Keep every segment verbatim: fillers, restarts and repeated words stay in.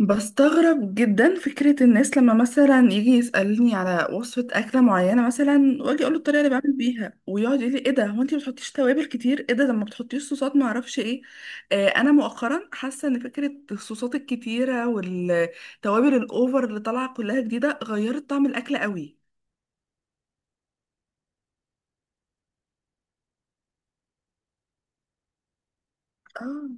بستغرب جدا فكرة الناس لما مثلا يجي يسألني على وصفة أكلة معينة مثلا وأجي أقول له الطريقة اللي بعمل بيها ويقعد يقول لي إيه ده، هو أنت ما بتحطيش توابل كتير، إيه ده ده ما بتحطيش صوصات، ما أعرفش إيه. آه أنا مؤخرا حاسة إن فكرة الصوصات الكتيرة والتوابل الأوفر اللي طالعة كلها جديدة غيرت طعم الأكل قوي. اه.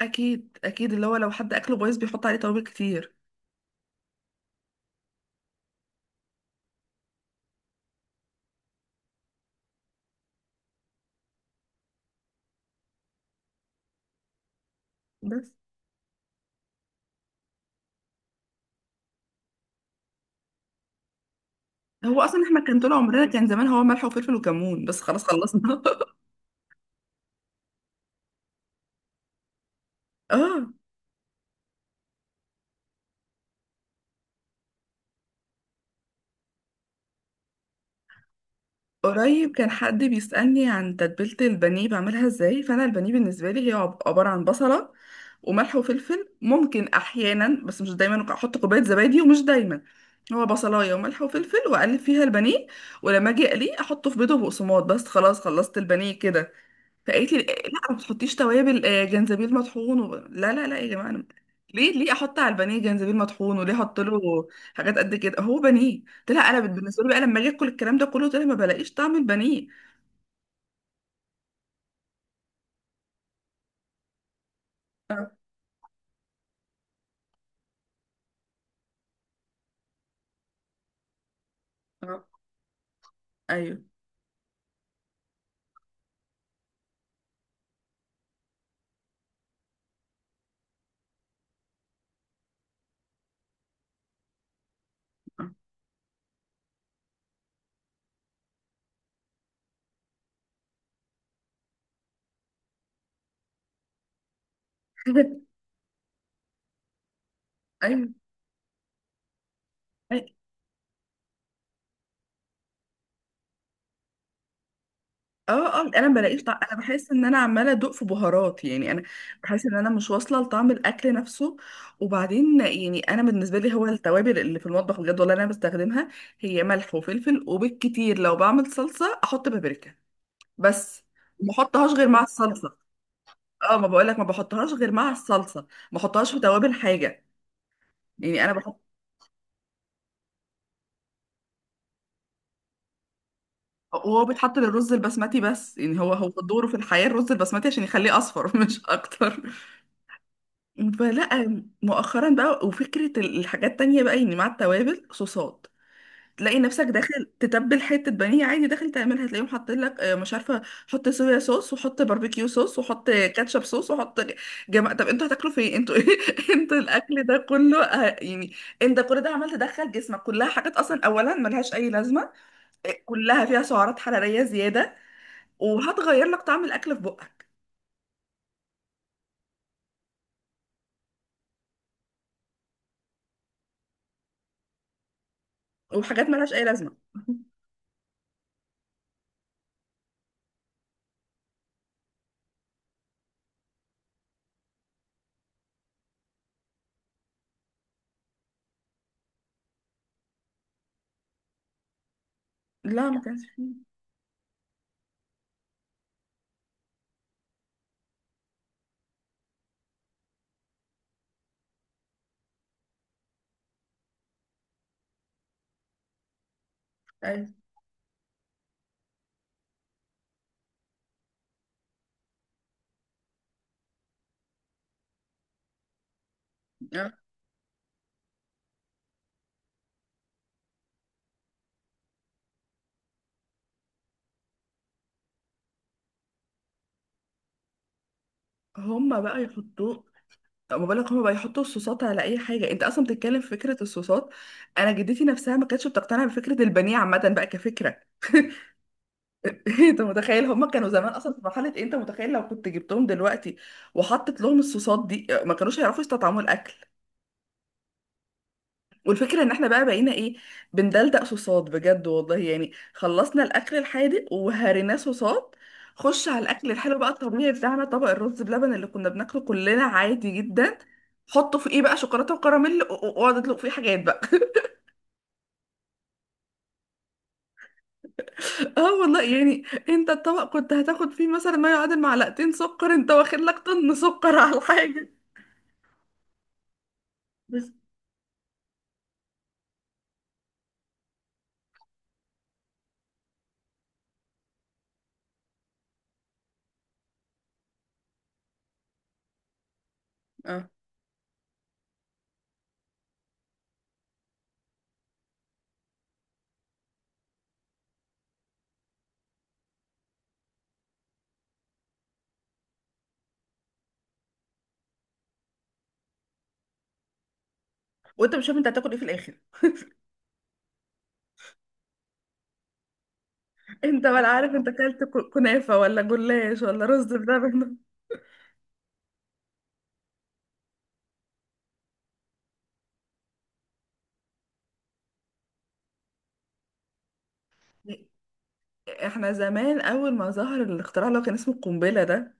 أكيد أكيد اللي هو لو حد أكله بايظ بيحط عليه توابل كتير. بس هو أصلا إحنا كان طول عمرنا كان زمان هو ملح وفلفل وكمون بس، خلاص خلصنا. آه. قريب كان حد بيسألني عن تتبيلة البانيه بعملها ازاي، فأنا البانيه بالنسبة لي هي عب- عبارة عن بصلة وملح وفلفل، ممكن أحيانا بس مش دايما أحط كوباية زبادي ومش دايما. هو بصلاية وملح وفلفل وأقلب فيها البانيه. ولما أجي أقليه أحطه في بيض وبقسماط، بس خلاص خلصت البانيه كده. فقالت لي لا ما تحطيش توابل، آه، جنزبيل مطحون و... لا لا لا يا جماعه أنا... ليه، ليه احط على البانيه جنزبيل مطحون وليه احط له حاجات قد كده، هو بانيه. قلت لها انا بالنسبه لي بقى لما اجي اكل الكلام ده كله، قلت لها ما بلاقيش طعم البانيه. اه اه ايوه آه. ايوه أيوة. اه اه انا ما بلاقيش طعم، انا بحس ان انا عماله ادوق في بهارات، يعني انا بحس ان انا مش واصله لطعم الاكل نفسه. وبعدين يعني انا بالنسبه لي هو التوابل اللي في المطبخ بجد والله انا بستخدمها هي ملح وفلفل، وبالكتير لو بعمل صلصه احط بابريكا بس. ما بحطهاش غير مع الصلصه. اه ما بقولك ما بحطهاش غير مع الصلصه، ما بحطهاش في توابل حاجه. يعني انا بحط. وهو بيتحط للرز البسمتي بس، يعني هو هو دوره في الحياه الرز البسمتي عشان يخليه اصفر، مش اكتر. فلا مؤخرا بقى وفكرة ال- الحاجات التانية بقى يعني مع التوابل صوصات. تلاقي نفسك داخل تتبل حتة بانيه عادي، داخل تعملها تلاقيهم حاطين لك، آه، مش عارفة، حط صويا صوص وحط باربيكيو صوص وحط كاتشب صوص وحط. جماعة طب انتوا هتاكلوا فين انتوا؟ انتوا الاكل ده كله آه، يعني انت كل ده عمال تدخل جسمك كلها حاجات اصلا، اولا ملهاش اي لازمة. آه، كلها فيها سعرات حرارية زيادة. وهتغير لك طعم الاكل في بقك. وحاجات ملهاش اي لازمة. لا ما كانش فيه. أيوة. هما بقى يحطوه. ما بالك هما بقى يحطوا الصوصات على اي حاجه، انت اصلا بتتكلم في فكره الصوصات. انا جدتي نفسها ما كانتش بتقتنع بفكره البانيه عامه بقى كفكره. انت متخيل هما كانوا زمان اصلا في مرحله إيه؟ انت متخيل لو كنت جبتهم دلوقتي وحطت لهم الصوصات دي ما كانوش هيعرفوا يستطعموا الاكل. والفكرة ان احنا بقى بقينا ايه؟ بندلدق صوصات بجد والله، يعني خلصنا الاكل الحادق وهريناه صوصات. خش على الاكل الحلو بقى الطبيعي بتاعنا، طبق الرز بلبن اللي كنا بناكله كلنا عادي جدا. حطه في ايه بقى؟ شوكولاته وكراميل و- و- واقعد اطلق فيه حاجات بقى. اه والله يعني. انت الطبق كنت هتاخد فيه مثلا ما يعادل معلقتين سكر، انت واخد لك طن سكر على الحاجه. بس اه. وانت مش عارف انت هتاكل ايه في الاخر. انت ولا عارف انت اكلت ك- كنافه ولا جلاش ولا رز بلبن. احنا زمان اول ما ظهر الاختراع اللي هو كان اسمه القنبله ده،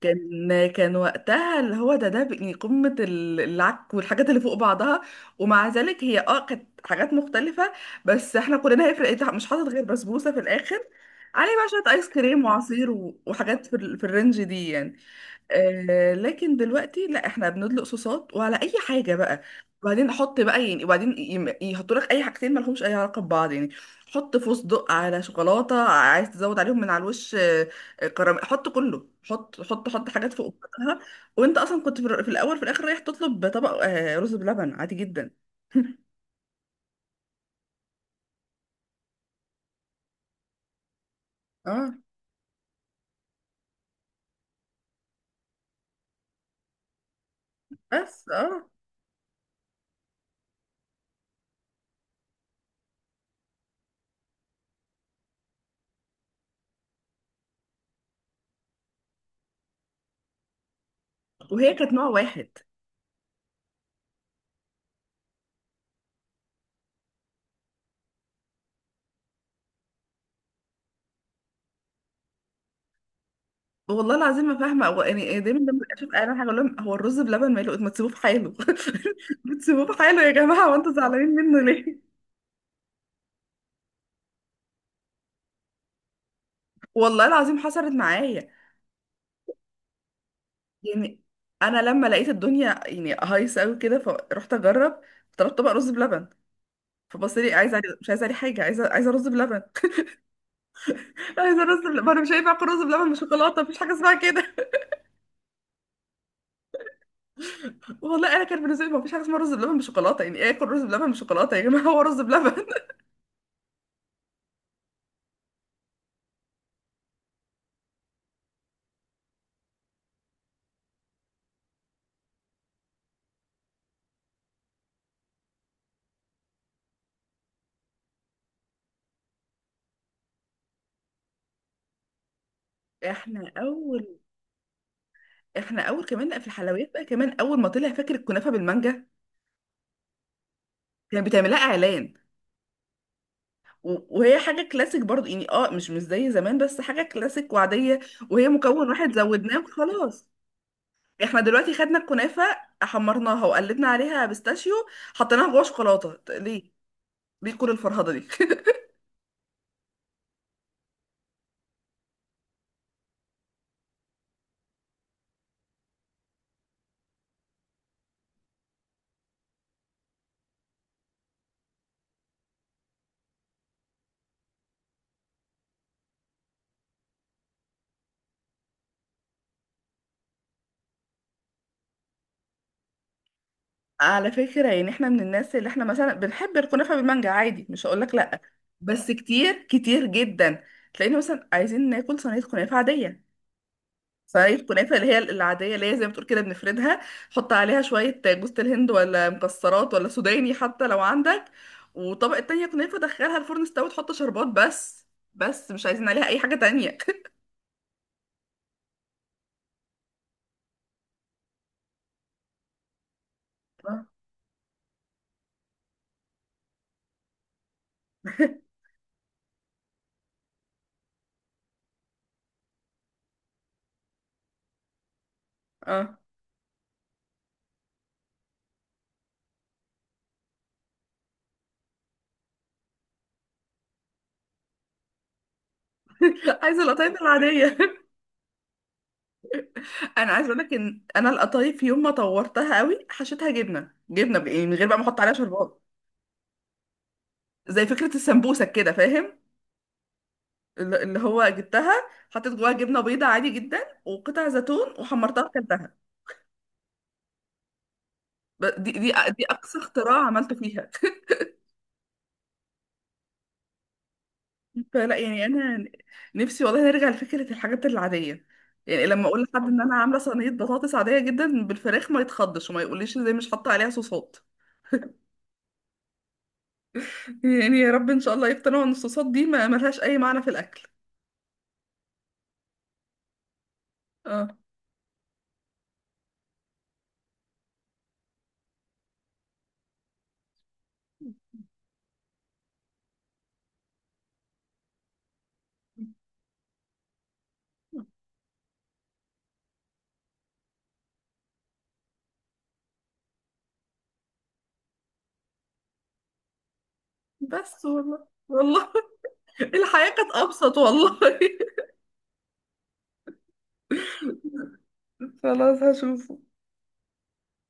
كان كان وقتها اللي هو ده ده بقى قمه ال- العك والحاجات اللي فوق بعضها. ومع ذلك هي اه كانت حاجات مختلفه. بس احنا كلنا هيفرق إيه؟ مش حاطط غير بسبوسه في الاخر، عليه بقى شويه ايس كريم وعصير و- وحاجات في ال- في الرينج دي يعني. آه لكن دلوقتي لا احنا بندلق صوصات وعلى اي حاجه بقى. وبعدين احط بقى يعني، وبعدين يم- يحطوا لك اي حاجتين ما لهمش اي علاقه ببعض يعني. حط فستق على شوكولاته، عايز تزود عليهم من على الوش، آه، آه، كراميل، حط كله، حط حط حط حاجات فوق بعضها. وانت اصلا كنت في الر- في الاول في الاخر رايح تطلب طبق، آه، رز بلبن عادي جدا. اه بس اه. وهي كانت نوع واحد. والله العظيم ما فاهمه هو يعني إيه، دايما لما اشوف اعلان حاجه اقول لهم هو الرز بلبن ماله؟ ما تسيبوه في حاله. ما تسيبوه في حاله يا جماعه وانتوا زعلانين منه ليه؟ والله العظيم حصلت معايا. يعني انا لما لقيت الدنيا يعني هايصه قوي كده فرحت اجرب. طلبت طبق رز بلبن، فبص لي عايزه عليه؟ مش عايزه عليه حاجه، عايزه عايزه رز بلبن. عايزه رز بلبن، انا مش هينفع اكل رز بلبن بشوكولاته، مفيش حاجه اسمها كده. والله انا كان بالنسبه لي مفيش حاجه اسمها رز بلبن بشوكولاته، يعني ايه اكل رز بلبن بشوكولاته يا جماعه؟ هو رز بلبن. احنا اول احنا اول كمان لا في الحلويات بقى كمان، اول ما طلع فاكر الكنافه بالمانجا كان بتعملها اعلان. و- وهي حاجه كلاسيك برضو يعني اه مش مش زي زمان بس حاجه كلاسيك وعاديه. وهي مكون واحد زودناه وخلاص. احنا دلوقتي خدنا الكنافه، حمرناها وقلبنا عليها بيستاشيو، حطيناها جوه شوكولاته، ط- ليه؟ ليه كل الفرهده دي؟ على فكره يعني احنا من الناس اللي احنا مثلا بنحب الكنافه بالمانجا عادي، مش هقول لك لا. بس كتير كتير جدا. تلاقينا مثلا عايزين ناكل صينيه كنافه عاديه، صينية الكنافة اللي هي العادية اللي هي زي ما بتقول كده بنفردها، نحط عليها شوية جوز الهند ولا مكسرات ولا سوداني حتى لو عندك، وطبقة تانية كنافة دخلها الفرن استوت تحط شربات بس. بس مش عايزين عليها أي حاجة تانية. اه آه. عايزة القطايف العادية. أنا عايزة أقول لك إن أنا القطايف يوم ما طورتها قوي حشيتها جبنة جبنة بقى- يعني من غير بقى ما أحط عليها شربات. زي فكرة السمبوسك كده فاهم، اللي اللي هو جبتها حطيت جواها جبنة بيضة عادي جدا وقطع زيتون وحمرتها وكلتها. ب- دي دي دي اقصى اختراع عملته فيها. فلا يعني انا نفسي والله نرجع لفكره الحاجات العاديه. يعني لما اقول لحد ان انا عامله صينيه بطاطس عاديه جدا بالفراخ ما يتخضش وما يقوليش ازاي مش حاطه عليها صوصات. يعني يا رب ان شاء الله يقتنعوا ان الصوصات دي ما ملهاش اي معنى في الاكل. اه بس والله والله. الحياه كانت ابسط والله. خلاص هشوف.